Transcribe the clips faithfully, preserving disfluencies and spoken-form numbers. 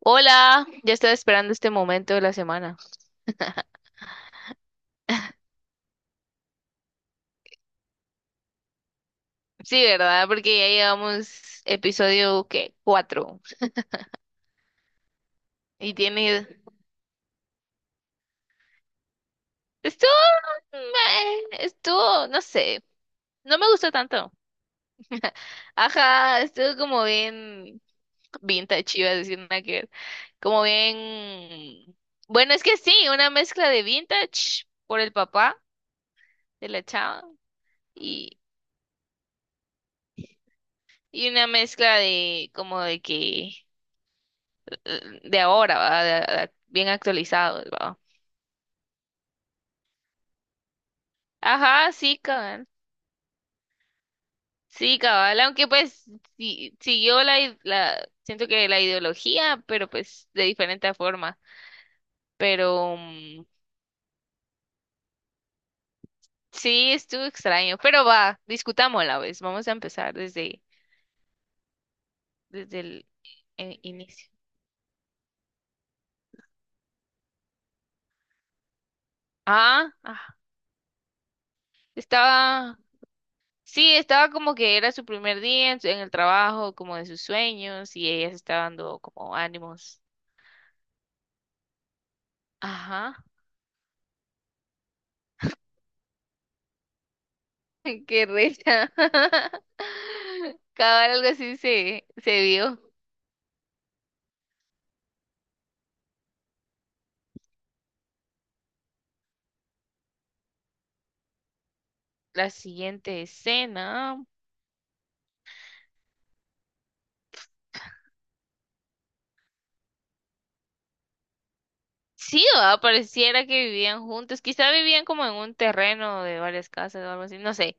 Hola, ya estaba esperando este momento de la semana. Sí, ¿verdad? Porque ya llevamos episodio, ¿qué? Cuatro. Y tiene... Estuvo... meh, Estuvo, no sé. No me gustó tanto. Ajá, estuvo como bien... vintage, iba a decir nada que ver. Como bien... bueno, es que sí, una mezcla de vintage por el papá de la chava y, y una mezcla de como de que eh, de ahora, ¿va? De- de- bien actualizados, ¿va? Ajá, sí, cabal. Sí, cabal, aunque pues sí, siguió la, i- la, siento que la ideología, pero pues de diferente forma. Pero mm, sí, estuvo extraño. Pero va, discutámosla, ¿ves? Vamos a empezar desde, desde el eh, inicio. Ah, ah, estaba, sí, estaba como que era su primer día en, su- en el trabajo, como de sus sueños, y ella se estaba dando como ánimos. Ajá. Qué risa. Cabal, algo así se, se vio. La siguiente escena. Sí, ¿verdad? Pareciera que vivían juntos. Quizá vivían como en un terreno de varias casas o algo así, no sé.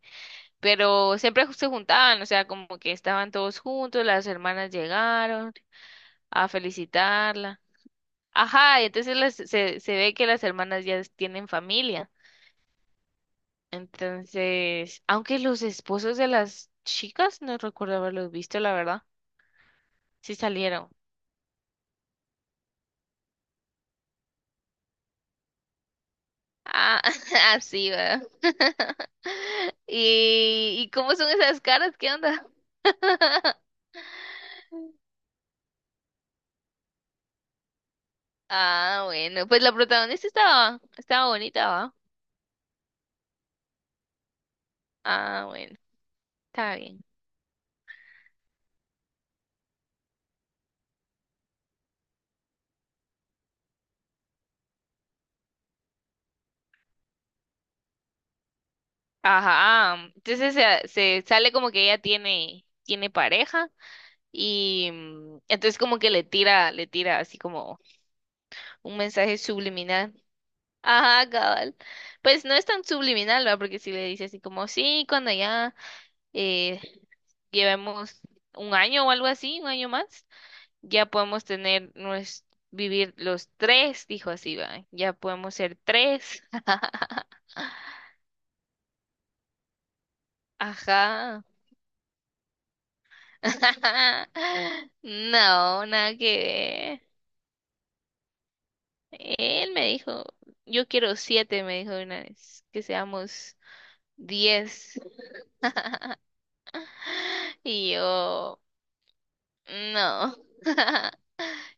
Pero siempre se juntaban, o sea, como que estaban todos juntos, las hermanas llegaron a felicitarla. Ajá, y entonces las- se, se ve que las hermanas ya tienen familia. Entonces, aunque los esposos de las chicas no recuerdo haberlos visto, la verdad. Sí salieron. Ah, así, ¿verdad? ¿Y, y cómo son esas caras? ¿Qué onda? Ah, bueno, pues la protagonista estaba, estaba bonita, ¿va? Ah, bueno, está bien. Ajá, entonces se, se sale como que ella tiene, tiene pareja y mm, entonces como que le tira, le tira así como un mensaje subliminal. Ajá, cabal. Pues no es tan subliminal, ¿verdad? Porque si le dice así como, sí, cuando ya eh, llevemos un año o algo así, un año más, ya podemos tener nues- vivir los tres, dijo así, va, ya podemos ser tres. Ajá. No, nada que ver. Él me dijo, yo quiero siete, me dijo de una vez, que seamos diez. Y yo, no.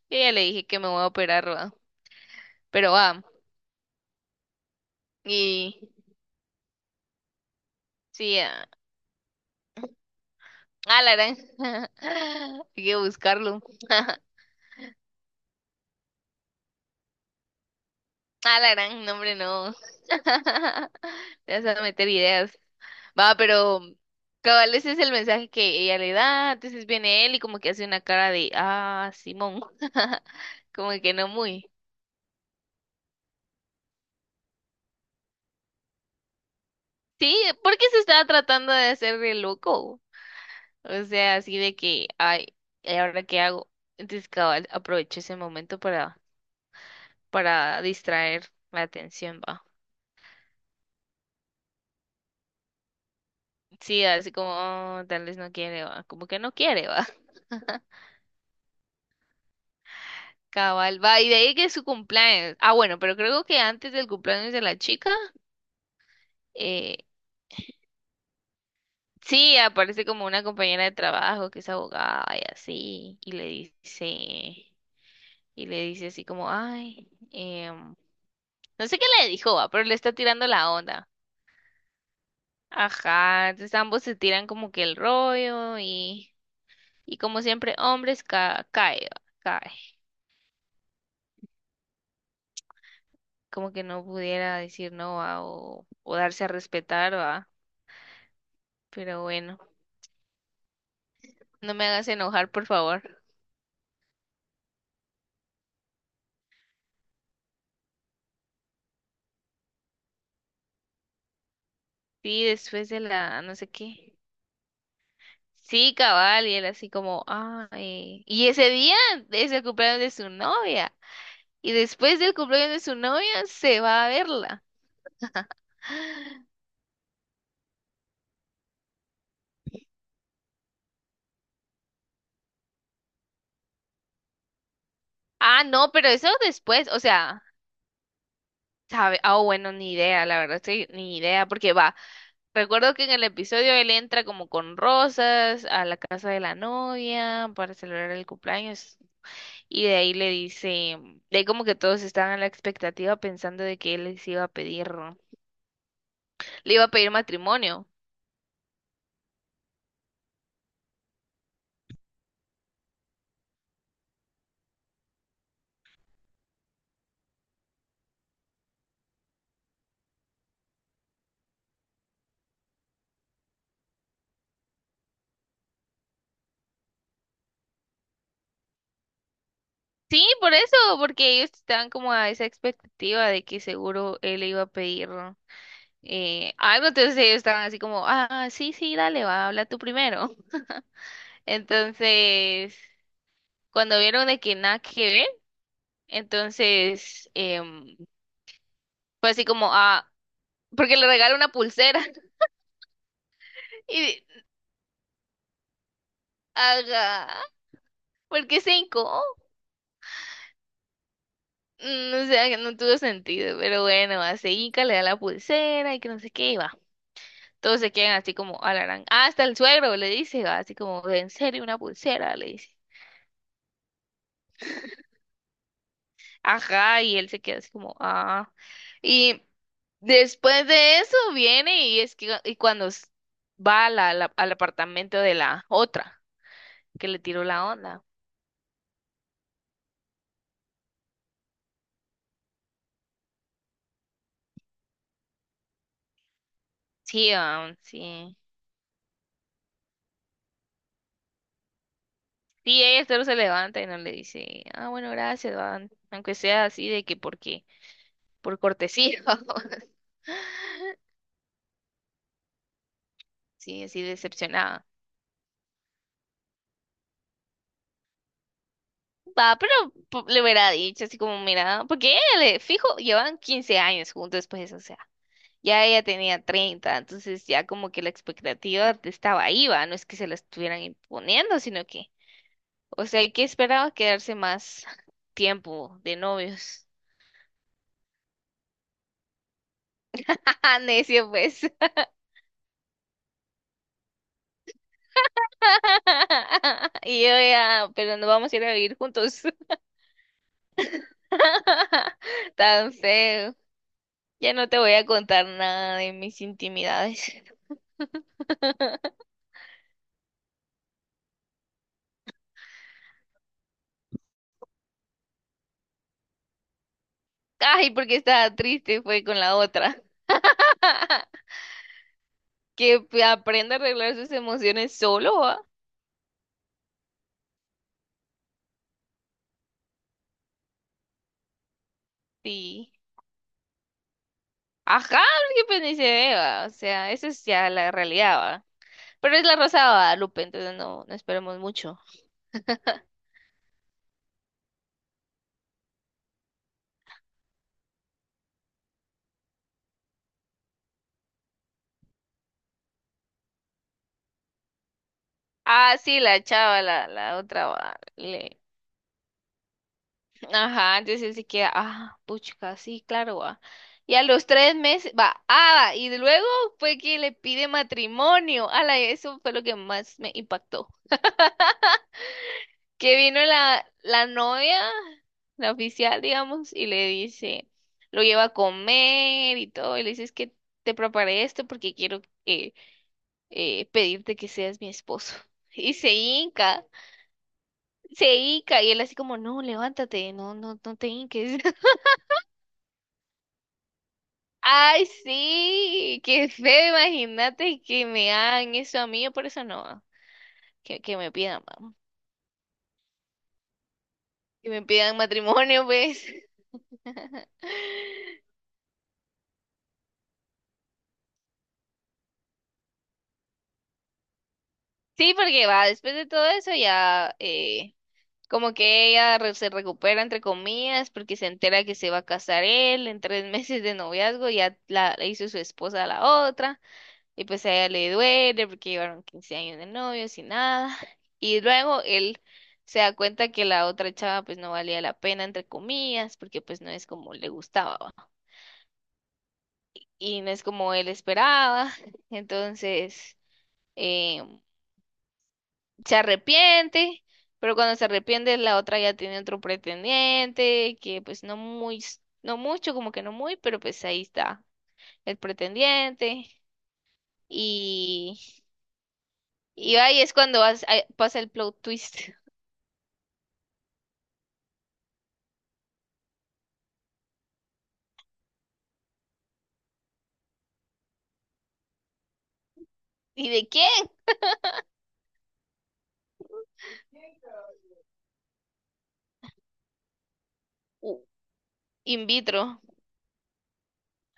Yo ya le dije que me voy a operar, va. Pero va. Y sí, ah, ah, la gran. Hay que buscarlo. Ah, la gran, no, hombre, no. Te vas a meter ideas. Va, pero cabal, ese es el mensaje que ella le da. Entonces viene él y como que hace una cara de, ah, Simón. Como que no muy. Sí, porque se estaba tratando de hacer de loco. O sea, así de que, ay, ¿y ahora qué hago? Entonces cabal, aprovecho ese momento para, para distraer la atención, va. Sí, así como, "Oh, tal vez no quiere, va. Como que no quiere, va". Cabal, va. Y de ahí que es su cumpleaños. Ah, bueno, pero creo que antes del cumpleaños de la chica, eh, sí, aparece como una compañera de trabajo que es abogada y así. Y le dice, y le dice así como, ay, em, no sé qué le dijo, va, pero le está tirando la onda. Ajá, entonces ambos se tiran como que el rollo y, y como siempre, hombres ca cae, va, cae. Como que no pudiera decir no, ¿va? O, o darse a respetar, va. Pero bueno, no me hagas enojar, por favor. Sí, después de la no sé qué. Sí, cabal, y él así como, ah, eh, y ese día es el cumpleaños de su novia. Y después del cumpleaños de su novia se va a verla. Ah, no, pero eso después, o sea, sabe, ah, bueno, ni idea, la verdad, sí, ni idea, porque va. Recuerdo que en el episodio él entra como con rosas a la casa de la novia para celebrar el cumpleaños y de ahí le dice, de ahí como que todos estaban a la expectativa pensando de que él les iba a pedir, le iba a pedir matrimonio. Sí, por eso, porque ellos estaban como a esa expectativa de que seguro él le iba a pedir eh, algo, entonces ellos estaban así como, ah, sí, sí, dale, va, habla tú primero. Entonces, cuando vieron de que nada que ver, entonces... em, fue así como, ah, porque le regalé una pulsera. Y, haga, ¿por qué cinco? No sé, que no tuvo sentido, pero bueno, hace Inca, le da la pulsera y que no sé qué, y va. Todos se quedan así como alarán, ah, hasta el suegro le dice, va, así como, ¿en serio una pulsera? Le dice. Ajá, y él se queda así como, ah. Y después de eso viene y es que, y cuando s- va a la- la- al apartamento de la otra, que le tiró la onda. Sí, ah, sí. Sí, ella solo se levanta y no le dice, ah, bueno, gracias, va", aunque sea así de que porque, por cortesía. Vamos. Sí, así decepcionada. Va, pero po- le hubiera dicho así como, mira, porque ella le, fijo, llevan quince años juntos después, o sea, ya ella tenía treinta, entonces ya como que la expectativa estaba ahí, va, no es que se la estuvieran imponiendo, sino que, o sea, que esperaba quedarse más tiempo de novios. Ah, necio, pues. Y yo ya, pero no vamos a ir a vivir juntos. Tan feo. Ya no te voy a contar nada de mis intimidades. Ay, porque estaba triste, fue con la otra. Que p- aprenda a arreglar sus emociones solo, ¿va? Sí. Ajá, porque pues ni se ve, ¿va? O sea, esa es ya la realidad, ¿va? Pero es la Rosa de Guadalupe, entonces no, no esperemos mucho. Ah, sí, la chava, la, la otra, ¿va? Ajá, entonces él se queda, ah, puchica, sí, claro, va. Y a los tres meses, va, ah, y luego fue que le pide matrimonio. Ala, eso fue lo que más me impactó. Que vino la, la novia, la oficial, digamos, y le dice, lo lleva a comer y todo, y le dice, es que te preparé esto porque quiero eh, eh, pedirte que seas mi esposo. Y se hinca, se hinca, y él así como, no, levántate, no, no, no te hinques. Ay, sí, qué feo, imagínate que me hagan eso a mí, yo por eso no, que, que me pidan, vamos, que me pidan matrimonio, pues. Sí, porque va, después de todo eso ya, eh, como que ella re- se recupera, entre comillas, porque se entera que se va a casar él en tres meses de noviazgo, ya la la hizo su esposa a la otra. Y pues a ella le duele porque llevaron quince años de novios y nada. Y luego él se da cuenta que la otra chava pues no valía la pena, entre comillas, porque pues no es como le gustaba, ¿va? Y no es como él esperaba. Entonces eh, se arrepiente, pero cuando se arrepiente la otra ya tiene otro pretendiente, que pues no muy, s- no mucho, como que no muy, pero pues ahí está el pretendiente. Y, y ahí es cuando vas- ahí pasa el plot twist. ¿Y de quién? U- in vitro.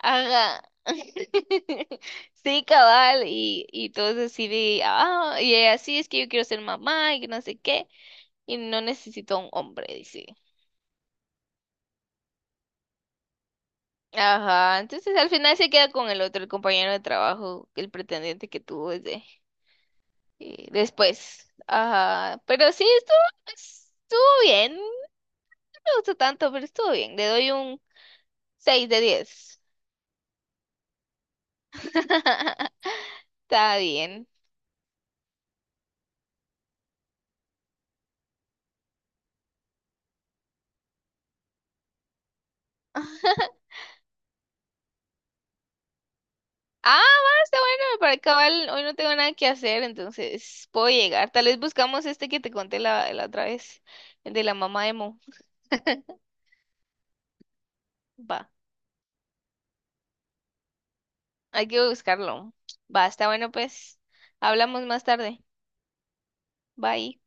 Haga. Sí, cabal. Y, y todos así de, ah, y ella, sí, es que yo quiero ser mamá y que no sé qué. Y no necesito a un hombre, dice. Ajá. Entonces al final se queda con el otro, el compañero de trabajo, el pretendiente que tuvo desde eh, después. Ajá. Pero sí, estuvo, estuvo bien. No me gustó tanto, pero estuvo bien. Le doy un seis de diez. Está bien. Ah, va, está bueno, para acabar, hoy no tengo nada que hacer, entonces puedo llegar. Tal vez buscamos este que te conté la, la otra vez, el de la mamá de Mo. Va, hay que buscarlo. Va, está bueno, pues. Hablamos más tarde. Bye.